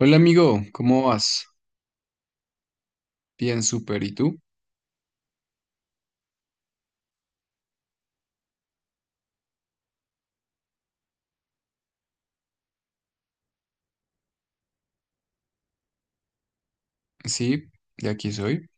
Hola amigo, ¿cómo vas? Bien, súper. ¿Y tú? Sí, de aquí soy.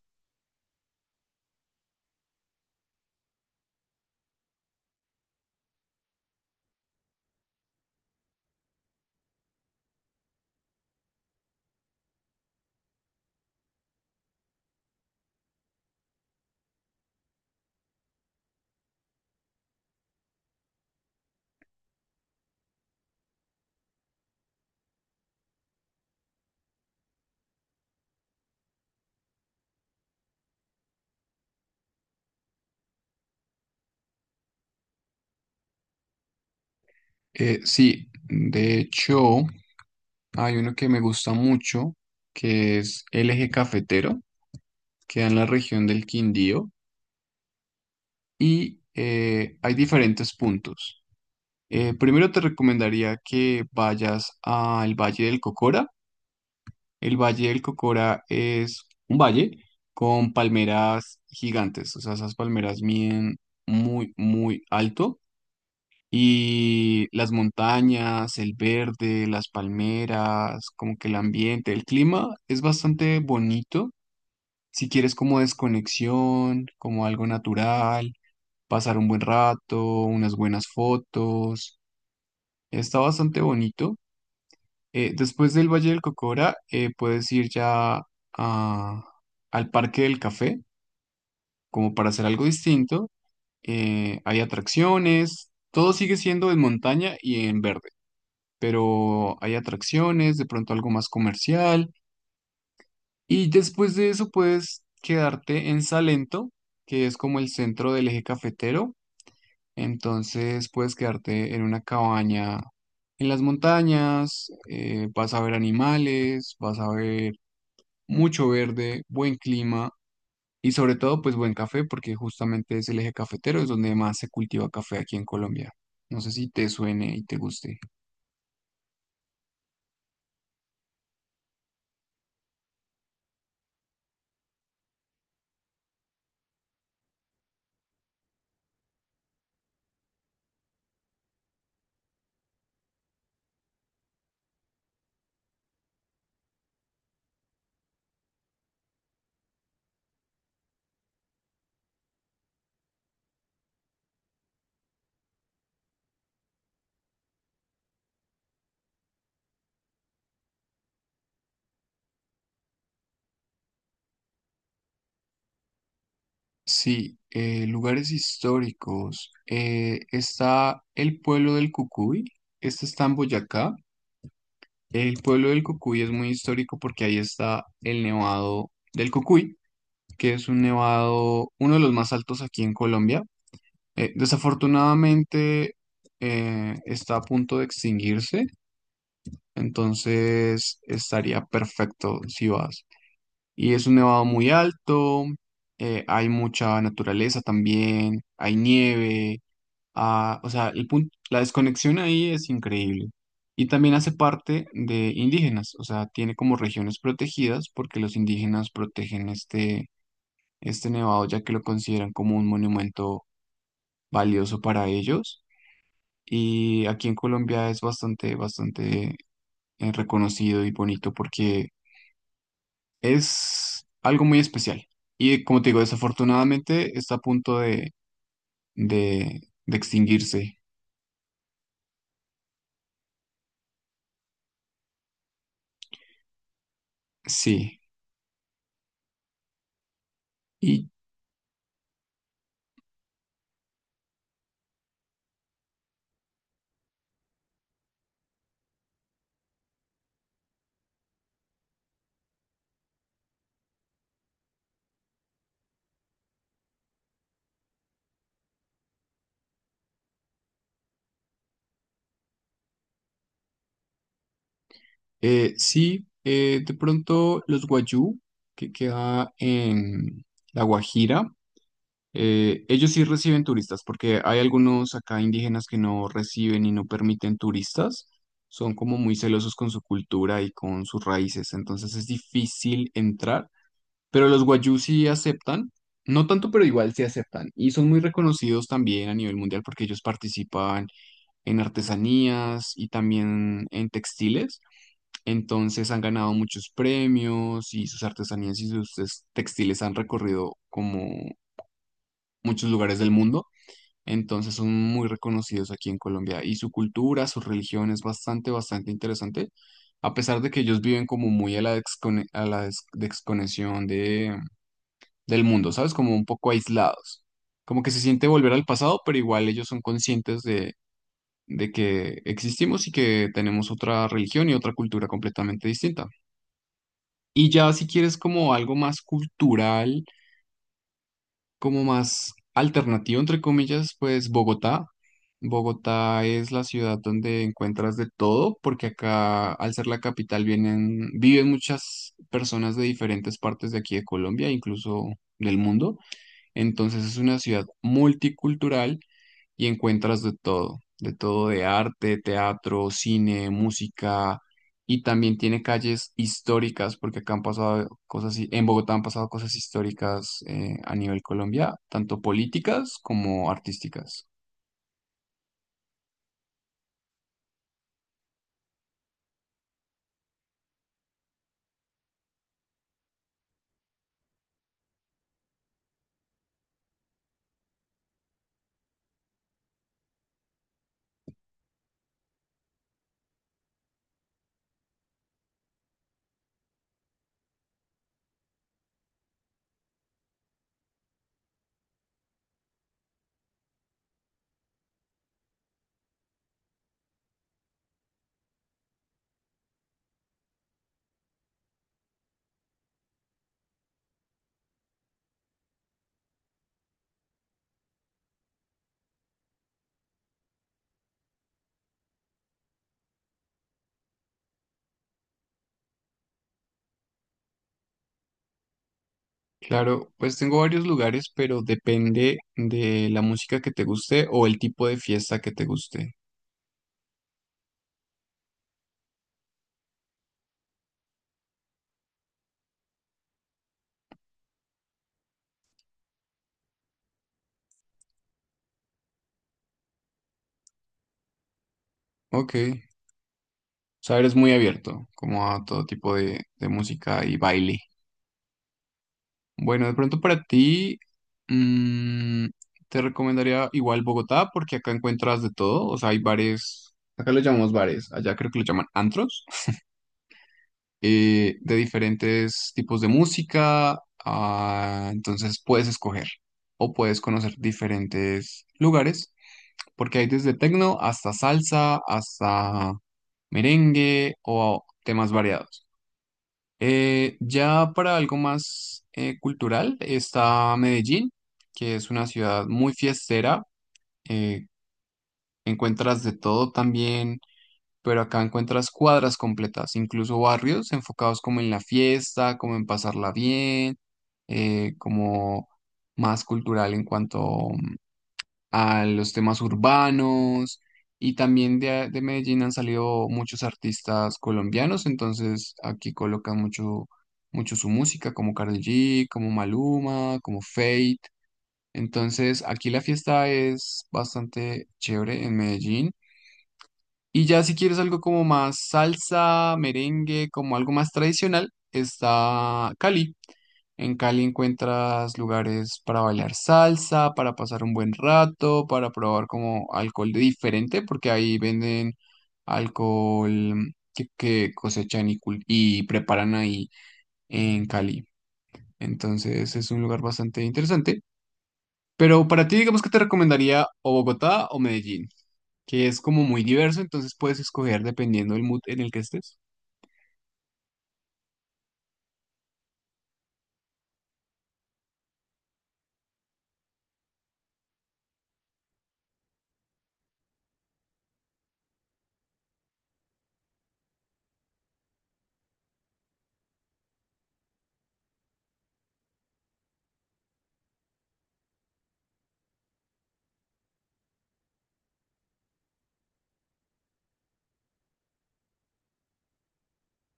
Sí, de hecho, hay uno que me gusta mucho, que es el Eje Cafetero, queda en la región del Quindío y hay diferentes puntos. Primero te recomendaría que vayas al Valle del Cocora. El Valle del Cocora es un valle con palmeras gigantes, o sea, esas palmeras miden muy, muy alto. Y las montañas, el verde, las palmeras, como que el ambiente, el clima es bastante bonito. Si quieres como desconexión, como algo natural, pasar un buen rato, unas buenas fotos, está bastante bonito. Después del Valle del Cocora, puedes ir ya a- al Parque del Café, como para hacer algo distinto. Hay atracciones, todo sigue siendo en montaña y en verde, pero hay atracciones, de pronto algo más comercial. Y después de eso puedes quedarte en Salento, que es como el centro del eje cafetero. Entonces puedes quedarte en una cabaña en las montañas, vas a ver animales, vas a ver mucho verde, buen clima y sobre todo pues buen café, porque justamente es el eje cafetero, es donde más se cultiva café aquí en Colombia. No sé si te suene y te guste. Sí, lugares históricos. Está el pueblo del Cucuy. Este está en Boyacá. El pueblo del Cucuy es muy histórico porque ahí está el nevado del Cucuy, que es un nevado, uno de los más altos aquí en Colombia. Desafortunadamente, está a punto de extinguirse, entonces estaría perfecto si vas. Y es un nevado muy alto, hay mucha naturaleza también, hay nieve o sea, el punto, la desconexión ahí es increíble. Y también hace parte de indígenas, o sea, tiene como regiones protegidas porque los indígenas protegen este nevado ya que lo consideran como un monumento valioso para ellos. Y aquí en Colombia es bastante, bastante reconocido y bonito porque es algo muy especial. Y como te digo, desafortunadamente está a punto de, de extinguirse. Sí. Y sí, de pronto los Guayú, que queda en La Guajira, ellos sí reciben turistas, porque hay algunos acá indígenas que no reciben y no permiten turistas. Son como muy celosos con su cultura y con sus raíces, entonces es difícil entrar. Pero los Guayú sí aceptan, no tanto, pero igual sí aceptan. Y son muy reconocidos también a nivel mundial porque ellos participan en artesanías y también en textiles. Entonces han ganado muchos premios y sus artesanías y sus textiles han recorrido como muchos lugares del mundo. Entonces son muy reconocidos aquí en Colombia y su cultura, su religión es bastante, bastante interesante. A pesar de que ellos viven como muy a la, descone- a la des- desconexión del mundo, ¿sabes? Como un poco aislados. Como que se siente volver al pasado, pero igual ellos son conscientes de que existimos y que tenemos otra religión y otra cultura completamente distinta. Y ya si quieres como algo más cultural, como más alternativo, entre comillas, pues Bogotá. Bogotá es la ciudad donde encuentras de todo, porque acá, al ser la capital, vienen, viven muchas personas de diferentes partes de aquí de Colombia, incluso del mundo. Entonces es una ciudad multicultural y encuentras de todo, de todo de arte, teatro, cine, música, y también tiene calles históricas, porque acá han pasado cosas, en Bogotá han pasado cosas históricas a nivel Colombia, tanto políticas como artísticas. Claro, pues tengo varios lugares, pero depende de la música que te guste o el tipo de fiesta que te guste. Ok, o sea, eres muy abierto, como a todo tipo de música y baile. Bueno, de pronto para ti, mm, te recomendaría igual Bogotá, porque acá encuentras de todo. O sea, hay bares, acá lo llamamos bares, allá creo que lo llaman antros, de diferentes tipos de música. Entonces puedes escoger o puedes conocer diferentes lugares, porque hay desde tecno hasta salsa, hasta merengue o temas variados. Ya para algo más cultural está Medellín, que es una ciudad muy fiestera. eh, Encuentras de todo también, pero acá encuentras cuadras completas, incluso barrios enfocados como en la fiesta, como en pasarla bien, como más cultural en cuanto a los temas urbanos y también de Medellín han salido muchos artistas colombianos, entonces aquí colocan mucho, mucho su música, como Karol G, como Maluma, como Fate. Entonces aquí la fiesta es bastante chévere en Medellín. Y ya si quieres algo como más salsa, merengue, como algo más tradicional, está Cali. En Cali encuentras lugares para bailar salsa, para pasar un buen rato, para probar como alcohol diferente, porque ahí venden alcohol que cosechan y preparan ahí en Cali. Entonces es un lugar bastante interesante. Pero para ti, digamos que te recomendaría o Bogotá o Medellín, que es como muy diverso, entonces puedes escoger dependiendo del mood en el que estés.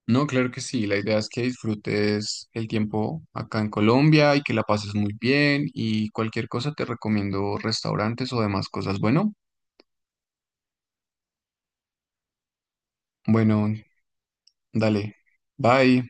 No, claro que sí. La idea es que disfrutes el tiempo acá en Colombia y que la pases muy bien y cualquier cosa te recomiendo restaurantes o demás cosas. Bueno, bueno, dale. Bye.